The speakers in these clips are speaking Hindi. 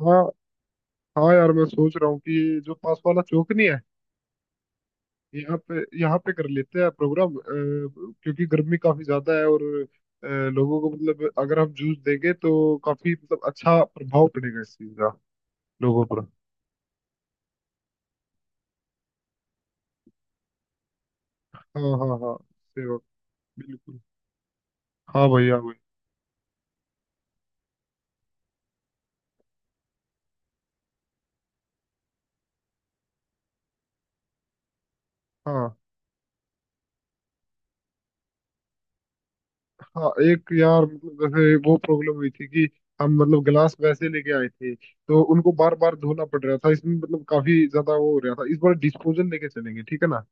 हाँ हाँ यार मैं सोच रहा हूँ कि ये जो पास वाला चौक नहीं है, यहाँ पे कर लेते हैं प्रोग्राम। क्योंकि गर्मी काफी ज्यादा है। और लोगों को मतलब अगर हम जूस देंगे तो काफी मतलब अच्छा प्रभाव पड़ेगा इस चीज का लोगों पर। हाँ हाँ हाँ। सेवा। बिल्कुल। हाँ भाई हाँ भाई। हाँ हाँ एक यार मतलब जैसे वो प्रॉब्लम हुई थी कि हम मतलब गिलास वैसे लेके आए थे तो उनको बार बार धोना पड़ रहा था, इसमें मतलब काफी ज्यादा वो हो रहा था। इस बार डिस्पोजल लेके चलेंगे, ठीक है ना।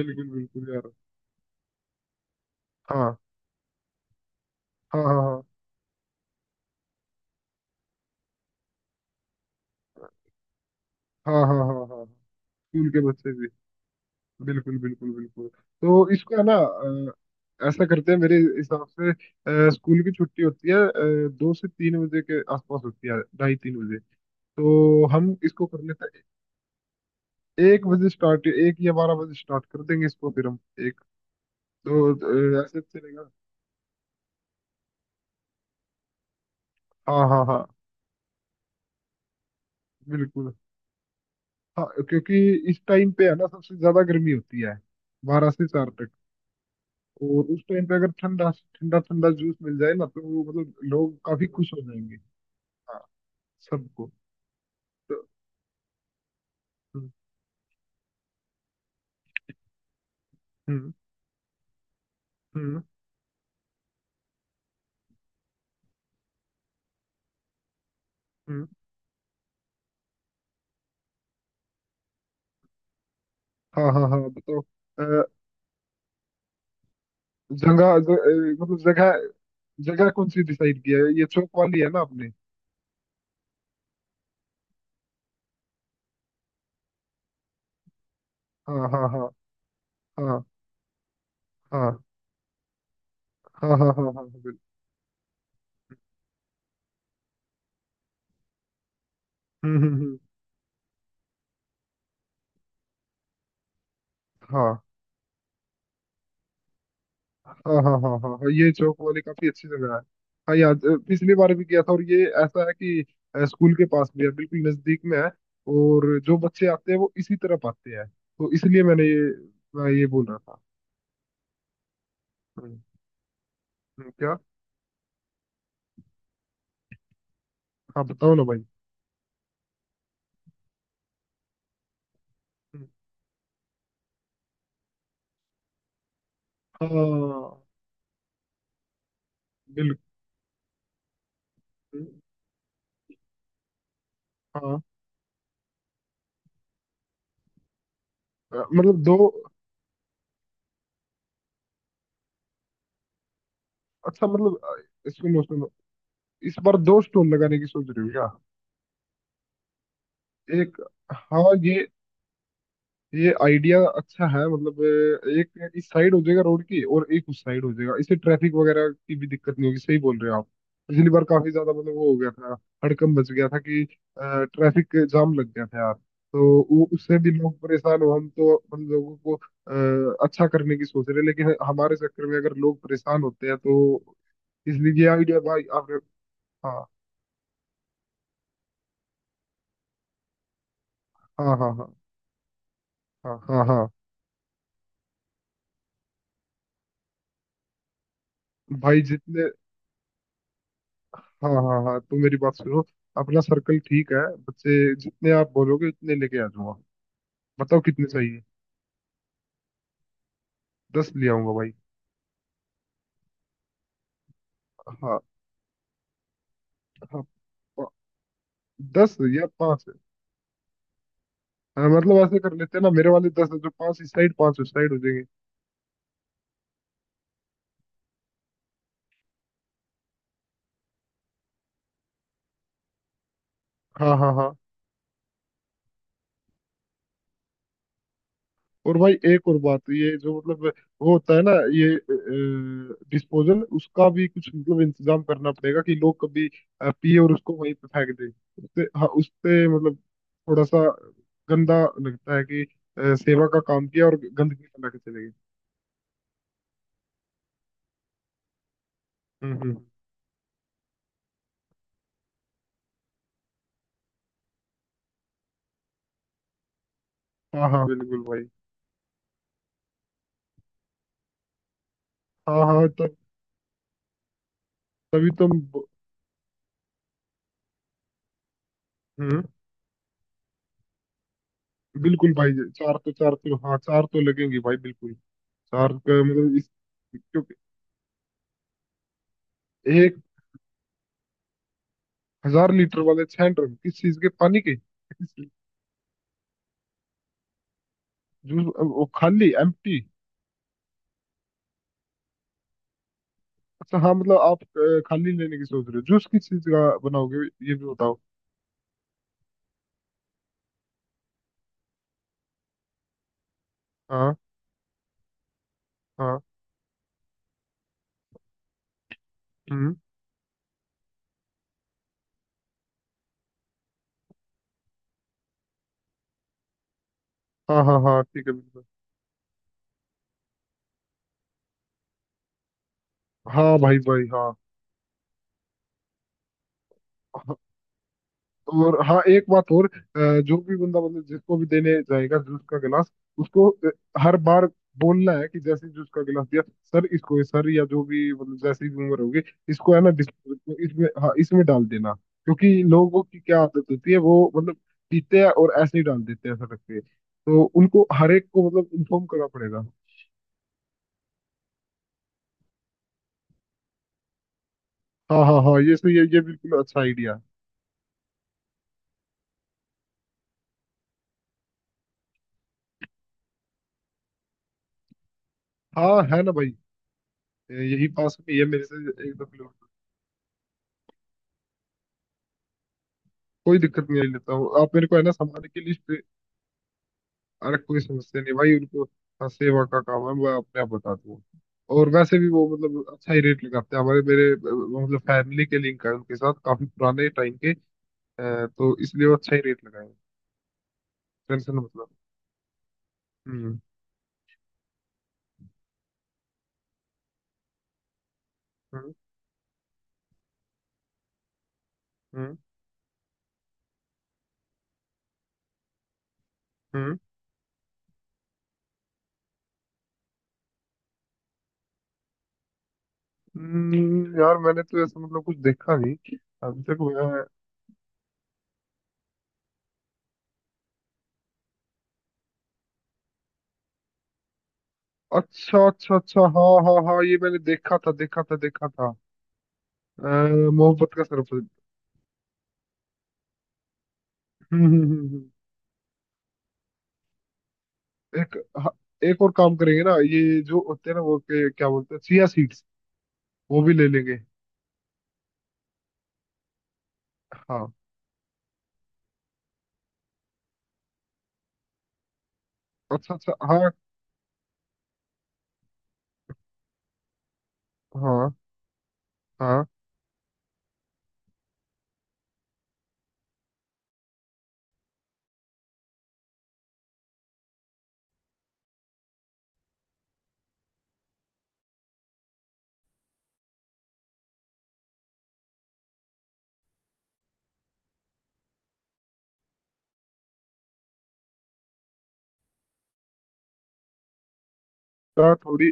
बिल्कुल बिल्कुल यार। हाँ हाँ हाँ हाँ हाँ हाँ हाँ हाँ हाँ। स्कूल के बच्चे भी। बिल्कुल बिल्कुल बिल्कुल। तो इसको है ना, ऐसा करते हैं मेरे हिसाब से। स्कूल की छुट्टी होती है 2 से 3 बजे के आसपास होती है, ढाई तीन बजे। तो हम इसको कर लेते हैं, 1 बजे स्टार्ट, 1 या 12 बजे स्टार्ट कर देंगे इसको फिर हम। एक दो, ऐसे चलेगा। हाँ हाँ हाँ। बिल्कुल। हाँ क्योंकि इस टाइम पे है ना सबसे ज्यादा गर्मी होती है, 12 से 4 तक। और उस टाइम पे अगर ठंडा ठंडा ठंडा जूस मिल जाए ना तो वो मतलब लोग काफी खुश हो जाएंगे। हाँ। सबको। तो- हम्म हम्म हम्म हम्म। हाँ हाँ हाँ बताओ। अ, जगह मतलब जगह जगह कौन सी डिसाइड किया है? ये चौक वाली है ना आपने। हाँ हाँ हाँ हाँ हाँ हाँ हाँ हाँ हाँ हाँ बिल्कुल। हम्म। हाँ हाँ हाँ हाँ हाँ हाँ, ये चौक वाली काफी अच्छी जगह है। हाँ याद, पिछली बार भी गया था। और ये ऐसा है कि स्कूल के पास भी है, बिल्कुल नजदीक में है। और जो बच्चे आते हैं वो इसी तरफ आते हैं, तो इसलिए मैं ये बोल रहा था। हम्म, क्या। हाँ बताओ ना भाई। हम्म, हाँ बिल्कुल। हाँ, मतलब दो, अच्छा मतलब। सुनो सुनो, इस बार दो स्टोन लगाने की सोच रही हो क्या? एक, हाँ। ये आइडिया अच्छा है, मतलब एक इस साइड हो जाएगा रोड की और एक उस साइड हो जाएगा, इससे ट्रैफिक वगैरह की भी दिक्कत नहीं होगी। सही बोल रहे हो आप। पिछली बार काफी ज्यादा मतलब वो हो गया था, हड़कंप मच गया था कि ट्रैफिक जाम लग गया था यार। तो वो उससे भी लोग परेशान हो, हम तो हम लोगों को अच्छा करने की सोच रहे हैं, लेकिन हमारे चक्कर में अगर लोग परेशान होते हैं तो। इसलिए ये आइडिया भाई आपने। हाँ हाँ हाँ हाँ हाँ हाँ। हाँ भाई जितने। हाँ हाँ हाँ, तो मेरी बात सुनो। अपना सर्कल ठीक है, बच्चे। जितने आप बोलोगे उतने लेके आ जाऊंगा। बताओ कितने चाहिए। 10 ले आऊंगा भाई। हाँ हाँ। पा- दस या पाँच। हाँ, मतलब ऐसे कर लेते हैं ना, मेरे वाले 10 है, जो पाँच इस साइड पाँच उस साइड हो जाएंगे। हाँ हाँ हाँ। और भाई एक और बात, ये जो मतलब वो होता है ना, ये डिस्पोजल, उसका भी कुछ मतलब इंतजाम करना पड़ेगा कि लोग कभी पिए और उसको वहीं पे फेंक दें। उससे, हाँ, उससे मतलब थोड़ा सा गंदा लगता है कि सेवा का काम किया और गंदगी फैला के चले गए। हम्म। हाँ हाँ बिल्कुल भाई। हाँ हाँ तब तभी तो हम हम्म। बिल्कुल भाई, चार तो, चार तो, हाँ, चार तो लगेंगे भाई बिल्कुल। चार का मतलब इस, क्योंकि 1000 लीटर वाले 6 ड्रम? किस चीज के, पानी के? जूस, वो खाली, एम्प्टी। अच्छा हाँ, मतलब आप खाली लेने की सोच रहे हो। जूस किस चीज का बनाओगे ये भी बताओ। हाँ हाँ। हम्म। हाँ हाँ हाँ ठीक है बिल्कुल। हाँ भाई भाई हाँ। और हाँ एक बात और, जो भी बंदा मतलब जिसको भी देने जाएगा जूस का गिलास, उसको हर बार बोलना है कि जैसे ही जूस का गिलास दिया, सर इसको, सर या जो भी मतलब जैसी भी उम्र होगी, इसको है ना डिस्पोजल इसमें, हाँ, इसमें डाल देना। क्योंकि लोगों की क्या आदत होती है, वो मतलब पीते हैं और ऐसे ही डाल देते हैं सड़क पे, तो उनको हर एक को मतलब इन्फॉर्म करना पड़ेगा। हाँ हाँ हाँ, ये सही है, ये बिल्कुल अच्छा आइडिया। हाँ है ना भाई। यही पास में ही है मेरे से, 1-2 किलोमीटर। कोई दिक्कत नहीं, ले लेता हूँ। आप मेरे को है ना सामान की लिस्ट। अरे कोई समस्या नहीं भाई उनको। हाँ, सेवा का काम है, मैं अपने आप बता दूंगा। और वैसे भी वो मतलब अच्छा ही रेट लगाते हैं। हमारे मेरे मतलब फैमिली के लिंक है उनके साथ काफी पुराने टाइम के। तो इसलिए वो अच्छा ही रेट लगाए हैं। टेंशन मतलब। हम्म हम्म हम्म हम्म। यार मैंने तो ऐसा मतलब कुछ देखा नहीं। अभी तक मैं, अच्छा अच्छा अच्छा, हाँ हाँ हाँ ये मैंने देखा था देखा था देखा था। अ, मोहब्बत का सरफराज। हम्म हम्म, हम्म, हम्म। एक, हाँ, एक और काम करेंगे ना। ये जो होते हैं ना, वो क्या बोलते हैं, चिया सीड्स। वो भी ले लेंगे। हाँ। अच्छा अच्छा। हाँ हाँ हाँ। क्या थोड़ी।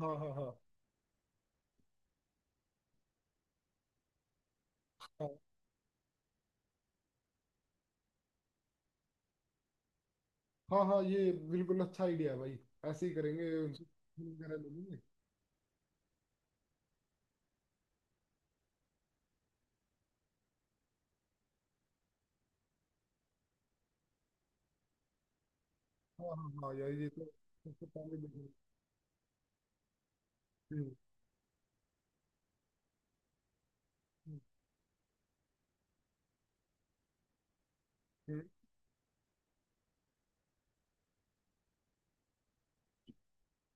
हाँ हाँ हाँ हाँ हाँ हाँ, ये बिल्कुल अच्छा आइडिया है भाई। ऐसे ही करेंगे उनसे, वगैरह ले लेंगे। हाँ हाँ हाँ यार, ये तो सबसे पहले देखेंगे। हम्म हम्म, हम्म,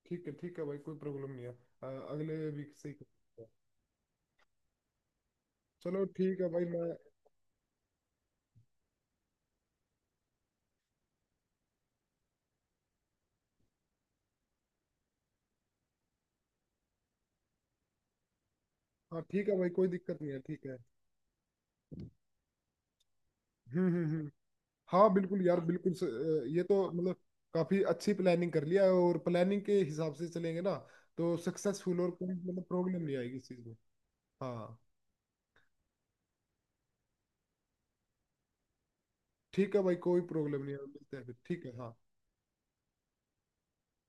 ठीक है भाई कोई प्रॉब्लम नहीं है। अगले वीक से ही कर सकते हैं। चलो ठीक है भाई मैं। हाँ ठीक है भाई कोई दिक्कत नहीं है ठीक है। हम्म। हाँ बिल्कुल यार बिल्कुल ये तो मतलब काफी अच्छी प्लानिंग कर लिया है, और प्लानिंग के हिसाब से चलेंगे ना तो सक्सेसफुल, और कोई मतलब प्रॉब्लम नहीं आएगी इस चीज में। हाँ ठीक है भाई कोई प्रॉब्लम नहीं है, मिलते हैं फिर ठीक है हाँ।